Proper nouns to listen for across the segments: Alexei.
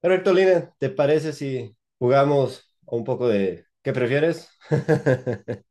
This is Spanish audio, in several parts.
Perfecto, Lina, ¿te parece si jugamos un poco de qué prefieres?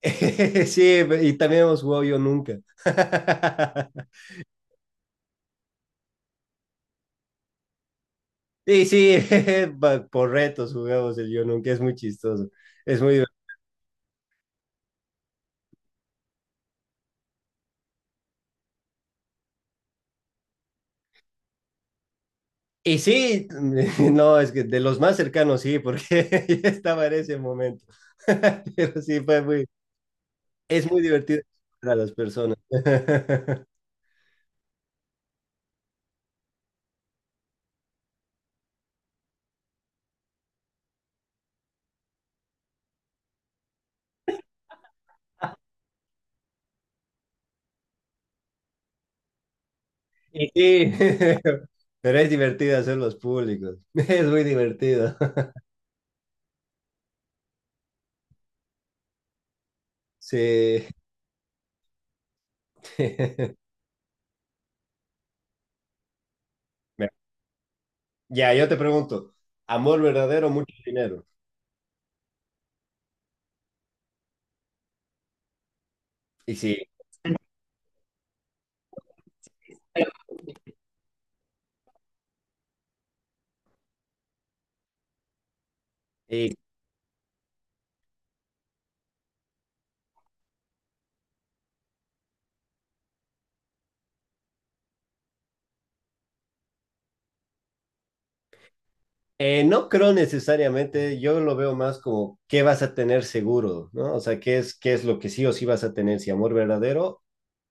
Sí, y también hemos jugado yo nunca. Y sí, por retos jugamos el yo nunca, es muy chistoso, es muy divertido. Y sí, no, es que de los más cercanos sí, porque ya estaba en ese momento. Pero sí, es muy divertido para las personas. Y sí, pero es divertido hacerlos públicos. Es muy divertido. Sí. Mira, ya, yo te pregunto, ¿amor verdadero, mucho dinero? Y sí, y, no creo necesariamente, yo lo veo más como qué vas a tener seguro, ¿no? O sea, qué es lo que sí o sí vas a tener, si amor verdadero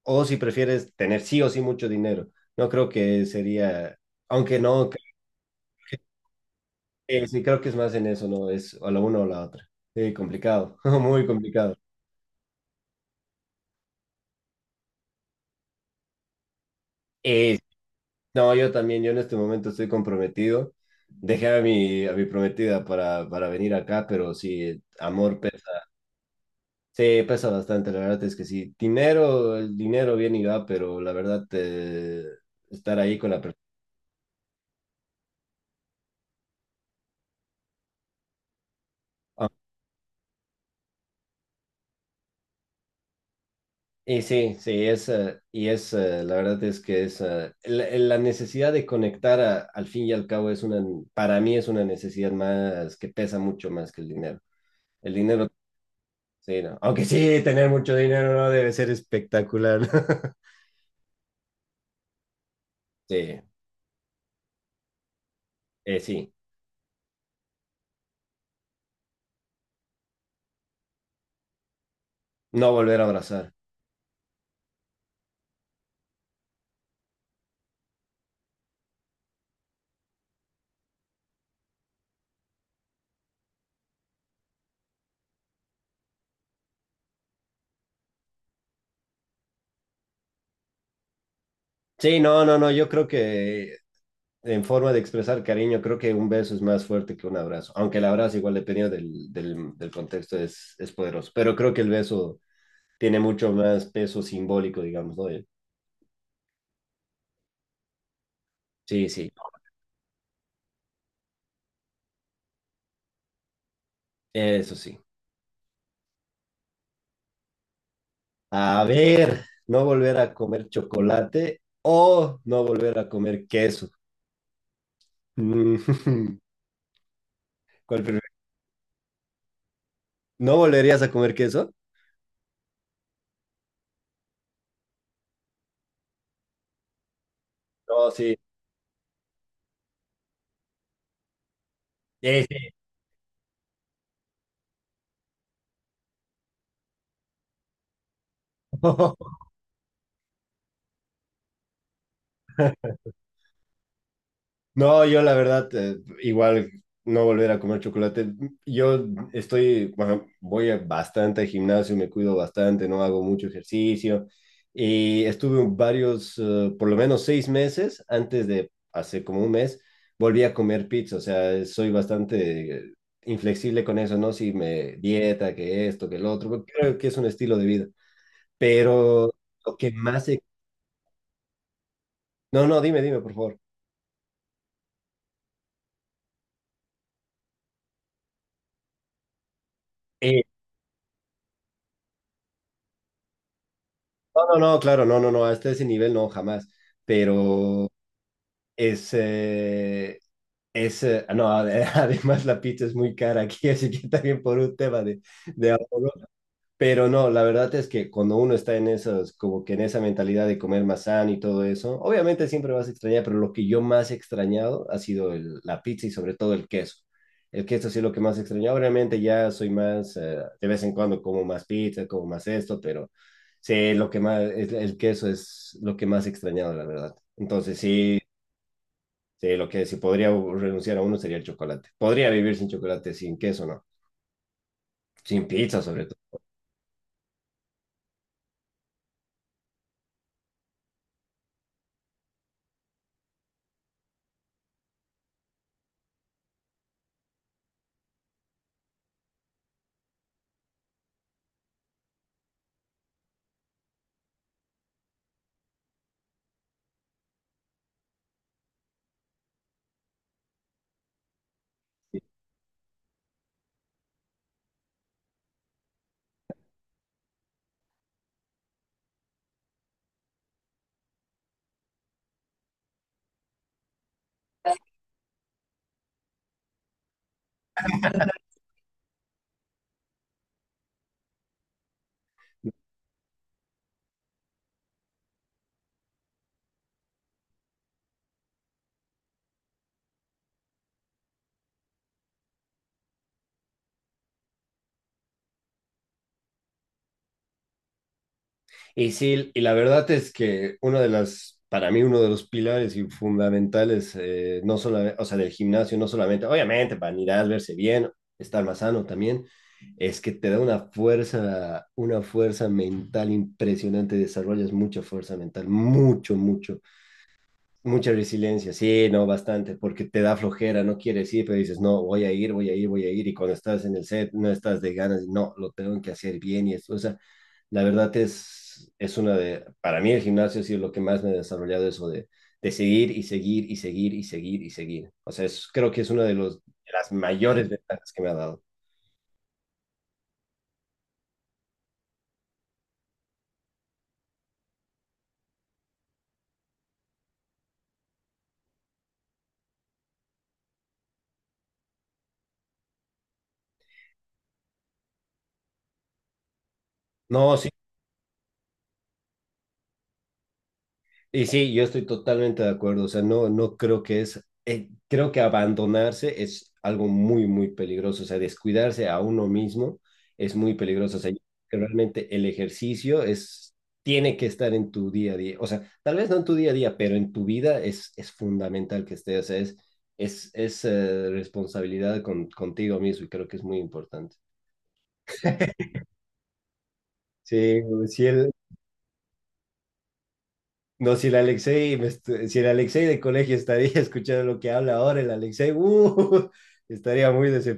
o si prefieres tener sí o sí mucho dinero. No creo que sería, aunque no, sí creo que es más en eso, ¿no? Es o la una o la otra. Sí, complicado, muy complicado. Eh, no, yo también, yo en este momento estoy comprometido. Dejé a mi prometida para venir acá, pero sí, amor pesa. Sí, pesa bastante, la verdad es que sí. Dinero, el dinero viene y va, pero la verdad, estar ahí con la persona. Y sí, sí, la verdad es que la necesidad de al fin y al cabo es una, para mí es una necesidad más que pesa mucho más que el dinero. El dinero sí, no. Aunque sí, tener mucho dinero no debe ser espectacular. Sí, sí. No volver a abrazar. Sí, no, no, no. Yo creo que en forma de expresar cariño, creo que un beso es más fuerte que un abrazo. Aunque el abrazo, igual dependiendo del contexto, es poderoso. Pero creo que el beso tiene mucho más peso simbólico, digamos, ¿no? Sí, sí. Eso sí. A ver, no volver a comer chocolate o no volver a comer queso. ¿Cuál ¿no volverías a comer queso? No, sí. Sí, sí. No, yo la verdad, igual no volver a comer chocolate. Yo estoy, bueno, bastante al gimnasio, me cuido bastante, no hago mucho ejercicio. Y estuve varios, por lo menos seis meses, antes de hace como un mes, volví a comer pizza. O sea, soy bastante inflexible con eso, ¿no? Si me dieta, que esto, que lo otro, porque creo que es un estilo de vida. Pero lo que más no, no, dime, dime, por favor. Eh, No, no, no, claro, no, no, no, hasta ese nivel no, jamás. Pero es, eh, no, además la pizza es muy cara aquí, así que también por un tema de ahorro. Pero no, la verdad es que cuando uno está en esas, como que en esa mentalidad de comer más sano y todo eso, obviamente siempre vas a extrañar, pero lo que yo más he extrañado ha sido la pizza y sobre todo el queso. El queso sí es lo que más he extrañado. Obviamente ya soy más, de vez en cuando como más pizza, como más esto, pero sí, lo que más, es- el queso es lo que más he extrañado, la verdad. Entonces sí, sí, lo que si podría renunciar a uno sería el chocolate. Podría vivir sin chocolate, sin queso, ¿no? Sin pizza sobre todo. Y sí, y la verdad es que para mí, uno de los pilares y fundamentales, no solo o sea, del gimnasio, no solamente, obviamente, para mirar, verse bien, estar más sano también, es que te da una fuerza mental impresionante, desarrollas mucha fuerza mental, mucha resiliencia, sí, no, bastante, porque te da flojera, no quieres ir, pero dices, no, voy a ir, voy a ir, voy a ir, y cuando estás en el set, no estás de ganas, no, lo tengo que hacer bien, y eso, o sea, la verdad es una de, para mí el gimnasio ha sido lo que más me ha desarrollado eso de seguir y seguir y seguir y seguir y seguir. O sea, creo que es una de las mayores ventajas que me ha dado. No, sí, y sí, yo estoy totalmente de acuerdo. O sea, no, creo que abandonarse es algo muy, muy peligroso. O sea, descuidarse a uno mismo es muy peligroso. O sea, yo creo que realmente tiene que estar en tu día a día. O sea, tal vez no en tu día a día, pero en tu vida es fundamental que esté. O sea, es responsabilidad contigo mismo y creo que es muy importante. Sí, sí, el, no, si el Alexei, me estu- si el Alexei de colegio estaría escuchando lo que habla ahora, el Alexei, estaría muy decepcionado.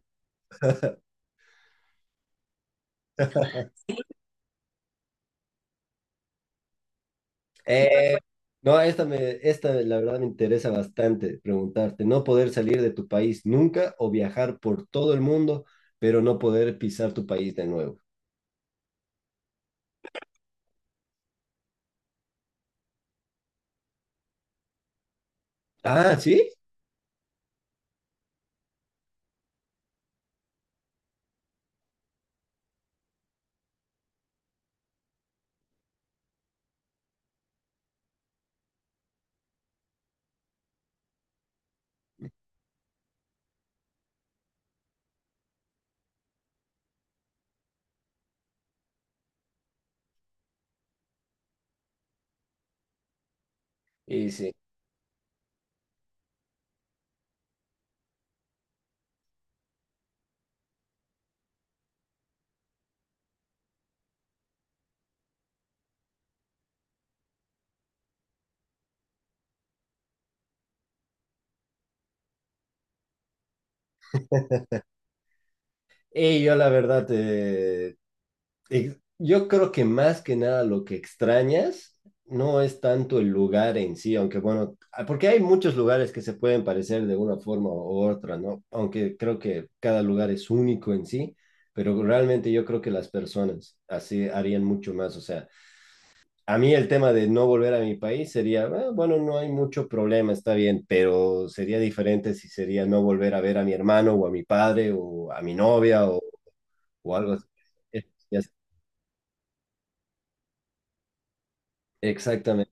Eh, no, esta, me, esta la verdad me interesa bastante preguntarte. No poder salir de tu país nunca o viajar por todo el mundo, pero no poder pisar tu país de nuevo. Ah, ¿sí? Y sí. Y yo la verdad, yo creo que más que nada lo que extrañas no es tanto el lugar en sí, aunque bueno, ah, porque hay muchos lugares que se pueden parecer de una forma u otra, ¿no? Aunque creo que cada lugar es único en sí, pero realmente yo creo que las personas así harían mucho más. O sea, a mí el tema de no volver a mi país sería, "Ah, bueno, no hay mucho problema, está bien", pero sería diferente si sería no volver a ver a mi hermano o a mi padre o a mi novia o algo así. Es- es- Exactamente.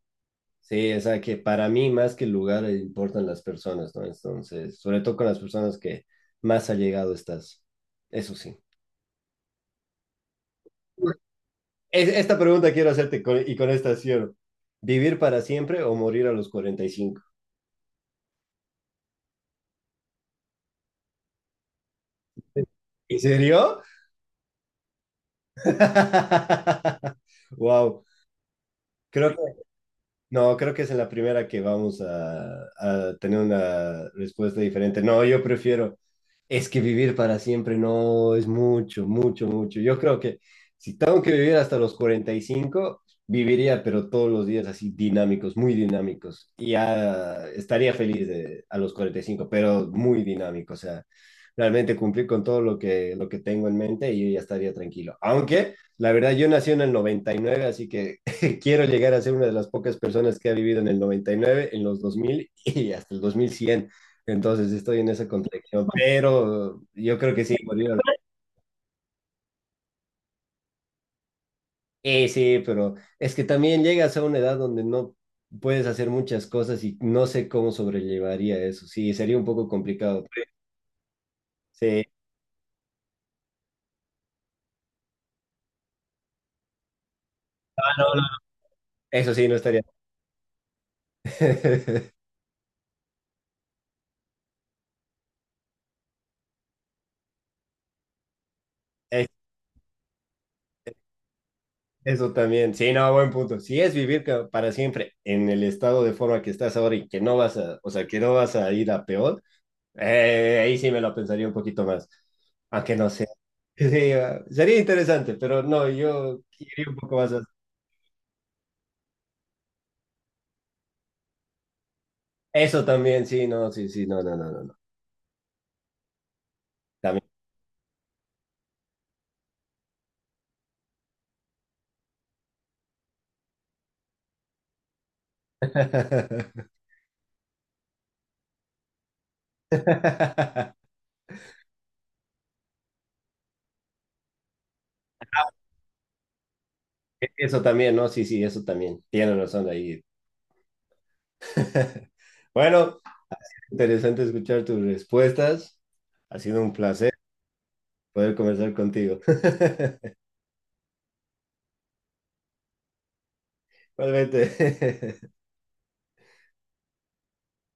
Sí, o sea, que para mí más que el lugar importan las personas, ¿no? Entonces, sobre todo con las personas que más allegado estás. Eso sí. Esta pregunta quiero hacerte y con esta cierro. ¿Vivir para siempre o morir a los 45? ¿En serio? Wow. Creo no, creo que es en la primera que vamos a tener una respuesta diferente. No, yo prefiero, es que vivir para siempre no es mucho. Yo creo que si tengo que vivir hasta los 45 viviría, pero todos los días así dinámicos, muy dinámicos. Y ya estaría feliz de, a los 45 pero muy dinámico. O sea, realmente cumplir con todo lo que tengo en mente y yo ya estaría tranquilo. Aunque, la verdad, yo nací en el 99 así que quiero llegar a ser una de las pocas personas que ha vivido en el 99, en los 2000 y hasta el 2100. Entonces estoy en esa contradicción, pero yo creo que sí, Bolívar. Sí, sí, pero es que también llegas a una edad donde no puedes hacer muchas cosas y no sé cómo sobrellevaría eso. Sí, sería un poco complicado. Sí, ah, no, no, eso sí, no estaría. Es- Eso también, sí, no, buen punto. Si es vivir para siempre en el estado de forma que estás ahora y que no vas o sea, que no vas a ir a peor, ahí sí me lo pensaría un poquito más, aunque no sé. Sí, ah, sería interesante, pero no, yo quería un poco más. A- eso también, sí, no, sí, sí, no, no, no, no, no. También. Eso también, no, sí, sí, eso también. Tienes razón ahí. Bueno, interesante escuchar tus respuestas. Ha sido un placer poder conversar contigo. realmente.